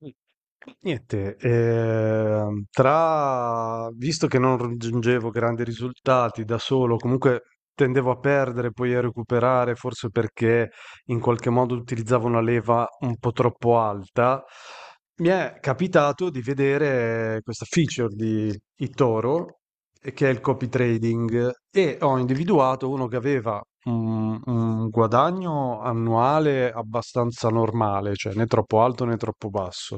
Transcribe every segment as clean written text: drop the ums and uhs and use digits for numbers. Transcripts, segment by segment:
Mh. Niente, visto che non raggiungevo grandi risultati da solo, comunque tendevo a perdere, poi a recuperare, forse perché in qualche modo utilizzavo una leva un po' troppo alta, mi è capitato di vedere questa feature di Itoro, che è il copy trading, e ho individuato uno che aveva un guadagno annuale abbastanza normale, cioè né troppo alto né troppo basso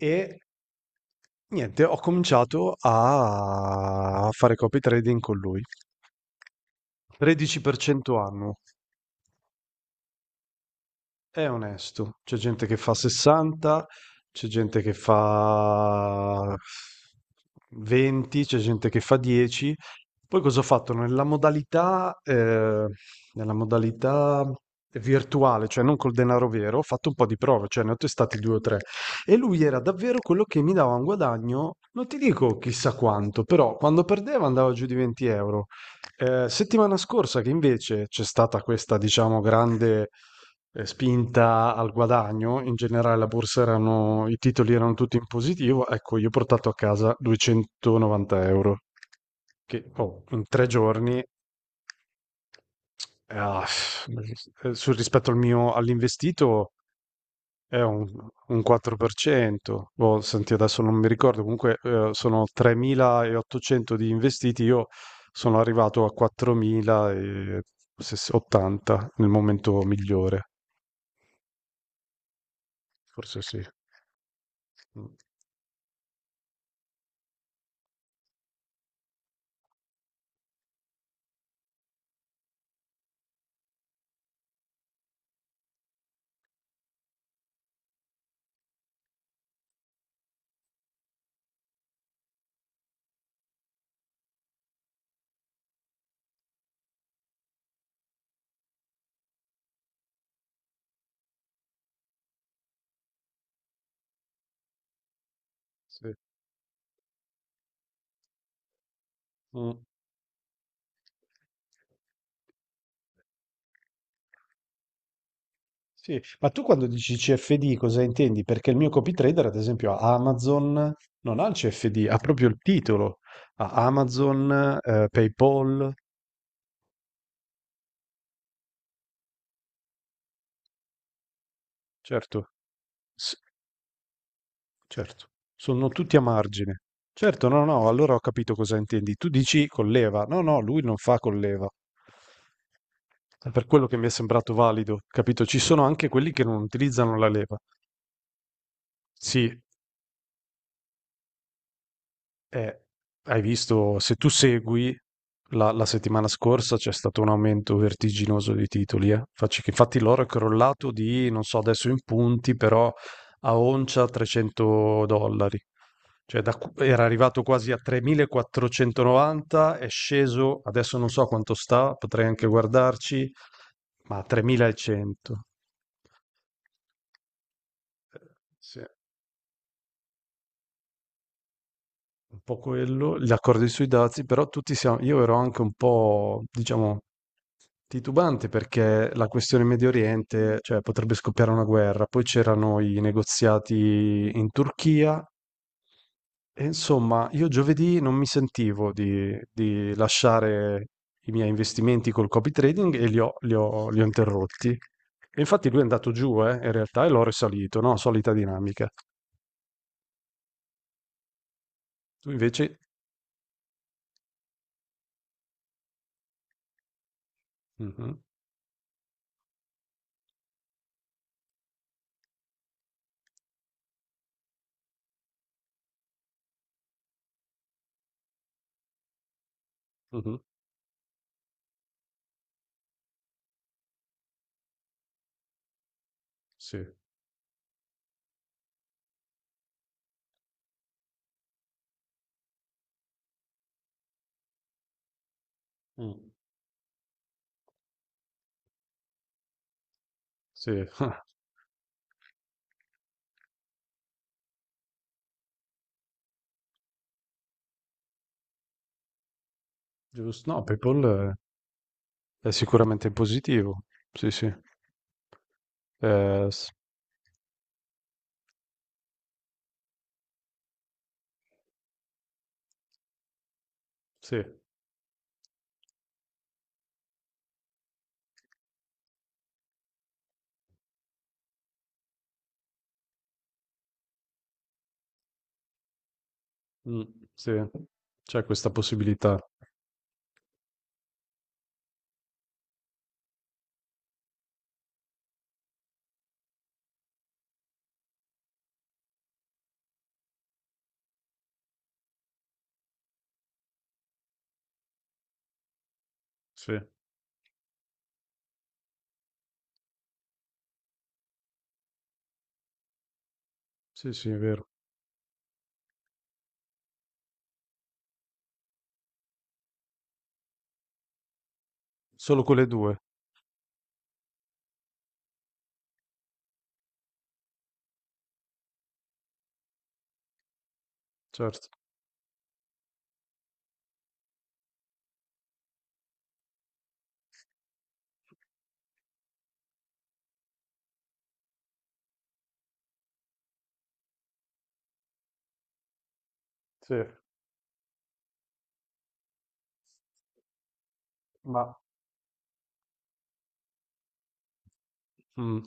e niente, ho cominciato a fare copy trading con lui. 13% annuo. È onesto, c'è gente che fa 60, c'è gente che fa 20, c'è gente che fa 10. Poi cosa ho fatto? Nella modalità virtuale, cioè non col denaro vero, ho fatto un po' di prove, cioè ne ho testati due o tre. E lui era davvero quello che mi dava un guadagno, non ti dico chissà quanto, però quando perdeva andava giù di 20 euro. Settimana scorsa che invece c'è stata questa, diciamo, grande spinta al guadagno, in generale i titoli erano tutti in positivo, ecco, io ho portato a casa 290 euro, che, oh, in 3 giorni. Ah, eh, sul rispetto al mio, all'investito è un 4%. Boh, senti, adesso non mi ricordo, comunque sono 3.800 di investiti, io sono arrivato a 4.080 nel momento migliore, forse sì. Mm. Sì. Mm. Sì, ma tu quando dici CFD cosa intendi? Perché il mio copy-trader, ad esempio, a Amazon non ha il CFD, ha proprio il titolo. Ha Amazon, PayPal, certo, s- certo, sono tutti a margine. Certo, no, no, allora ho capito cosa intendi. Tu dici colleva. No, no, lui non fa colleva. È per quello che mi è sembrato valido, capito? Ci sono anche quelli che non utilizzano la leva. Sì, Eh, hai visto, se tu segui, la settimana scorsa c'è stato un aumento vertiginoso di titoli, eh. Facci che infatti l'oro è crollato di, non so adesso in punti, però a oncia 300 dollari. Cioè era arrivato quasi a 3.490, è sceso, adesso non so quanto sta, potrei anche guardarci, ma a 3.100. Sì, un po' quello, gli accordi sui dazi, però tutti siamo, io ero anche un po', diciamo, titubante perché la questione Medio Oriente, cioè potrebbe scoppiare una guerra, poi c'erano i negoziati in Turchia e insomma io giovedì non mi sentivo di lasciare i miei investimenti col copy trading e li ho interrotti. E infatti lui è andato giù, in realtà, e l'ho risalito, no? Solita dinamica. Tu invece. Mhm, mhm, sì, mm, sì, giusto. No, PayPal è sicuramente positivo, sì, sì. Eh, Sì, mh, sì, c'è questa possibilità. Sì, sì, sì, è vero. Solo quelle 2, certo. Sì, ma mh.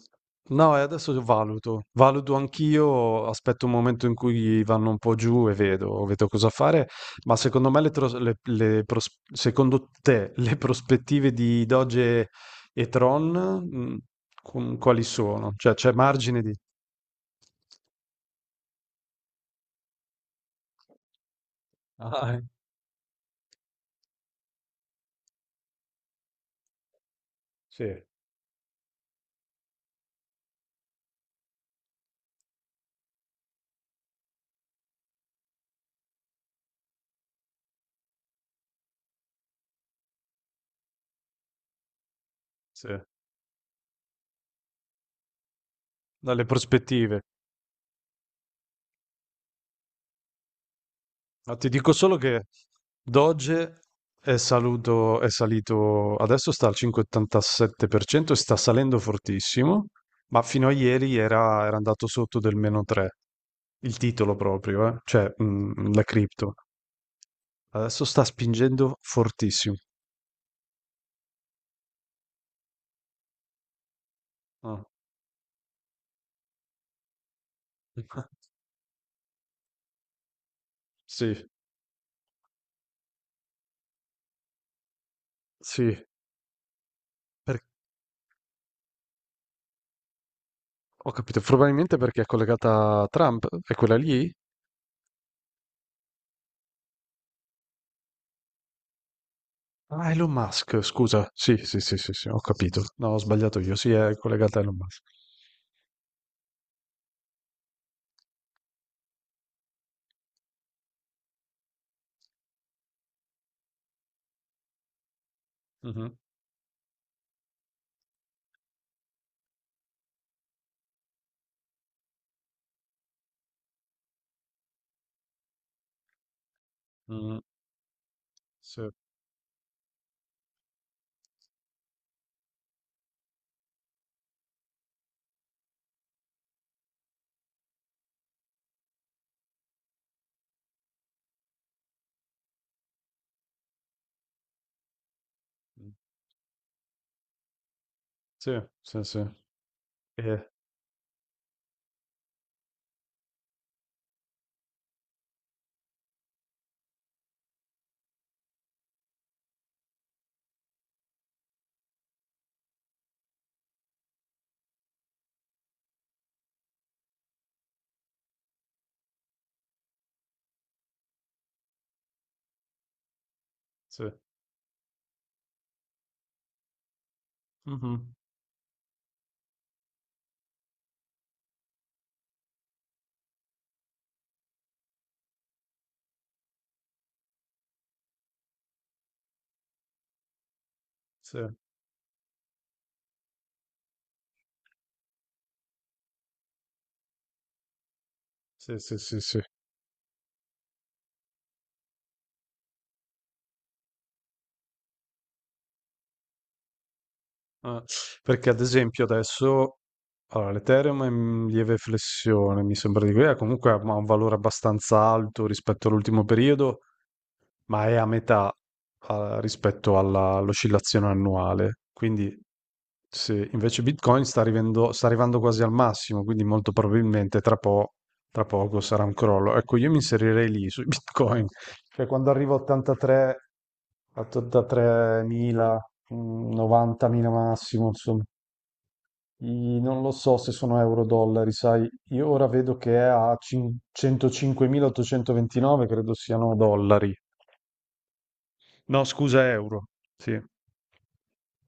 No, e adesso valuto. Valuto anch'io, aspetto un momento in cui vanno un po' giù e vedo cosa fare, ma secondo me le tros le pros secondo te le prospettive di Doge e Tron, con quali sono? Cioè, c'è margine di ah, eh, sì, sì, dalle prospettive. No, ti dico solo che Doge è, è salito, adesso sta al 5,87% e sta salendo fortissimo, ma fino a ieri era andato sotto del meno 3, il titolo proprio, eh? Cioè la cripto. Adesso sta spingendo fortissimo. Ah. Sì, sì, per- ho capito, probabilmente perché è collegata a Trump, è quella lì? Ah, Elon Musk, scusa. Sì, sì, sì, sì, sì, ho capito. No, ho sbagliato io. Sì, è collegata a Elon Musk. Mhm. Mm. Sì. Mm. Sì, sì, sì. Eh, sì. Mhm. Sì, sì, sì, sì. Ah, perché ad esempio adesso allora, l'Ethereum è in lieve flessione, mi sembra di dire, comunque ha un valore abbastanza alto rispetto all'ultimo periodo, ma è a metà rispetto all'oscillazione annuale. Quindi se invece Bitcoin sta arrivando quasi al massimo, quindi molto probabilmente tra poco sarà un crollo. Ecco, io mi inserirei lì sui Bitcoin, cioè quando arrivo a 83 83.000, 90.000 massimo, insomma. Non lo so se sono euro-dollari, sai, io ora vedo che è a 105.829, credo siano dollari. No, scusa, euro. Sì,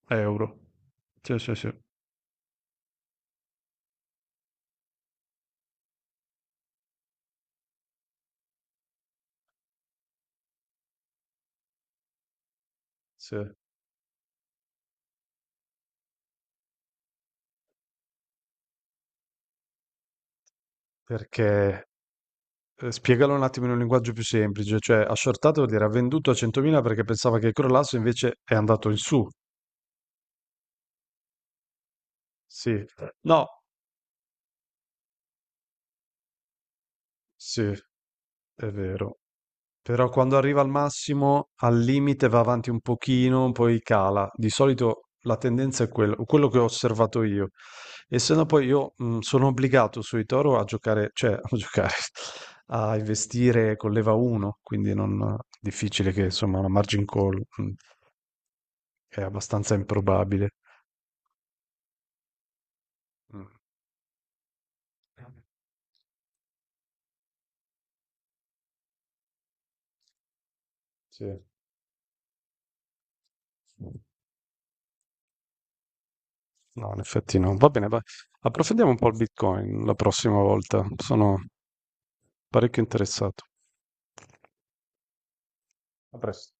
euro. Sì, sì, sì. Sì, perché spiegalo un attimo in un linguaggio più semplice, cioè ha shortato vuol dire ha venduto a 100.000 perché pensava che crollasse, invece è andato in su. Sì, no, sì, è vero. Però quando arriva al massimo, al limite va avanti un pochino, poi cala. Di solito la tendenza è quello, quello che ho osservato io. E se no poi io sono obbligato sui Toro a giocare, cioè a giocare, a investire con leva 1, quindi non è difficile che insomma una margin call è abbastanza improbabile. Mm. Sì. No, in effetti no. Va bene, approfondiamo un po' il Bitcoin la prossima volta. Sono parecchio interessato. A presto.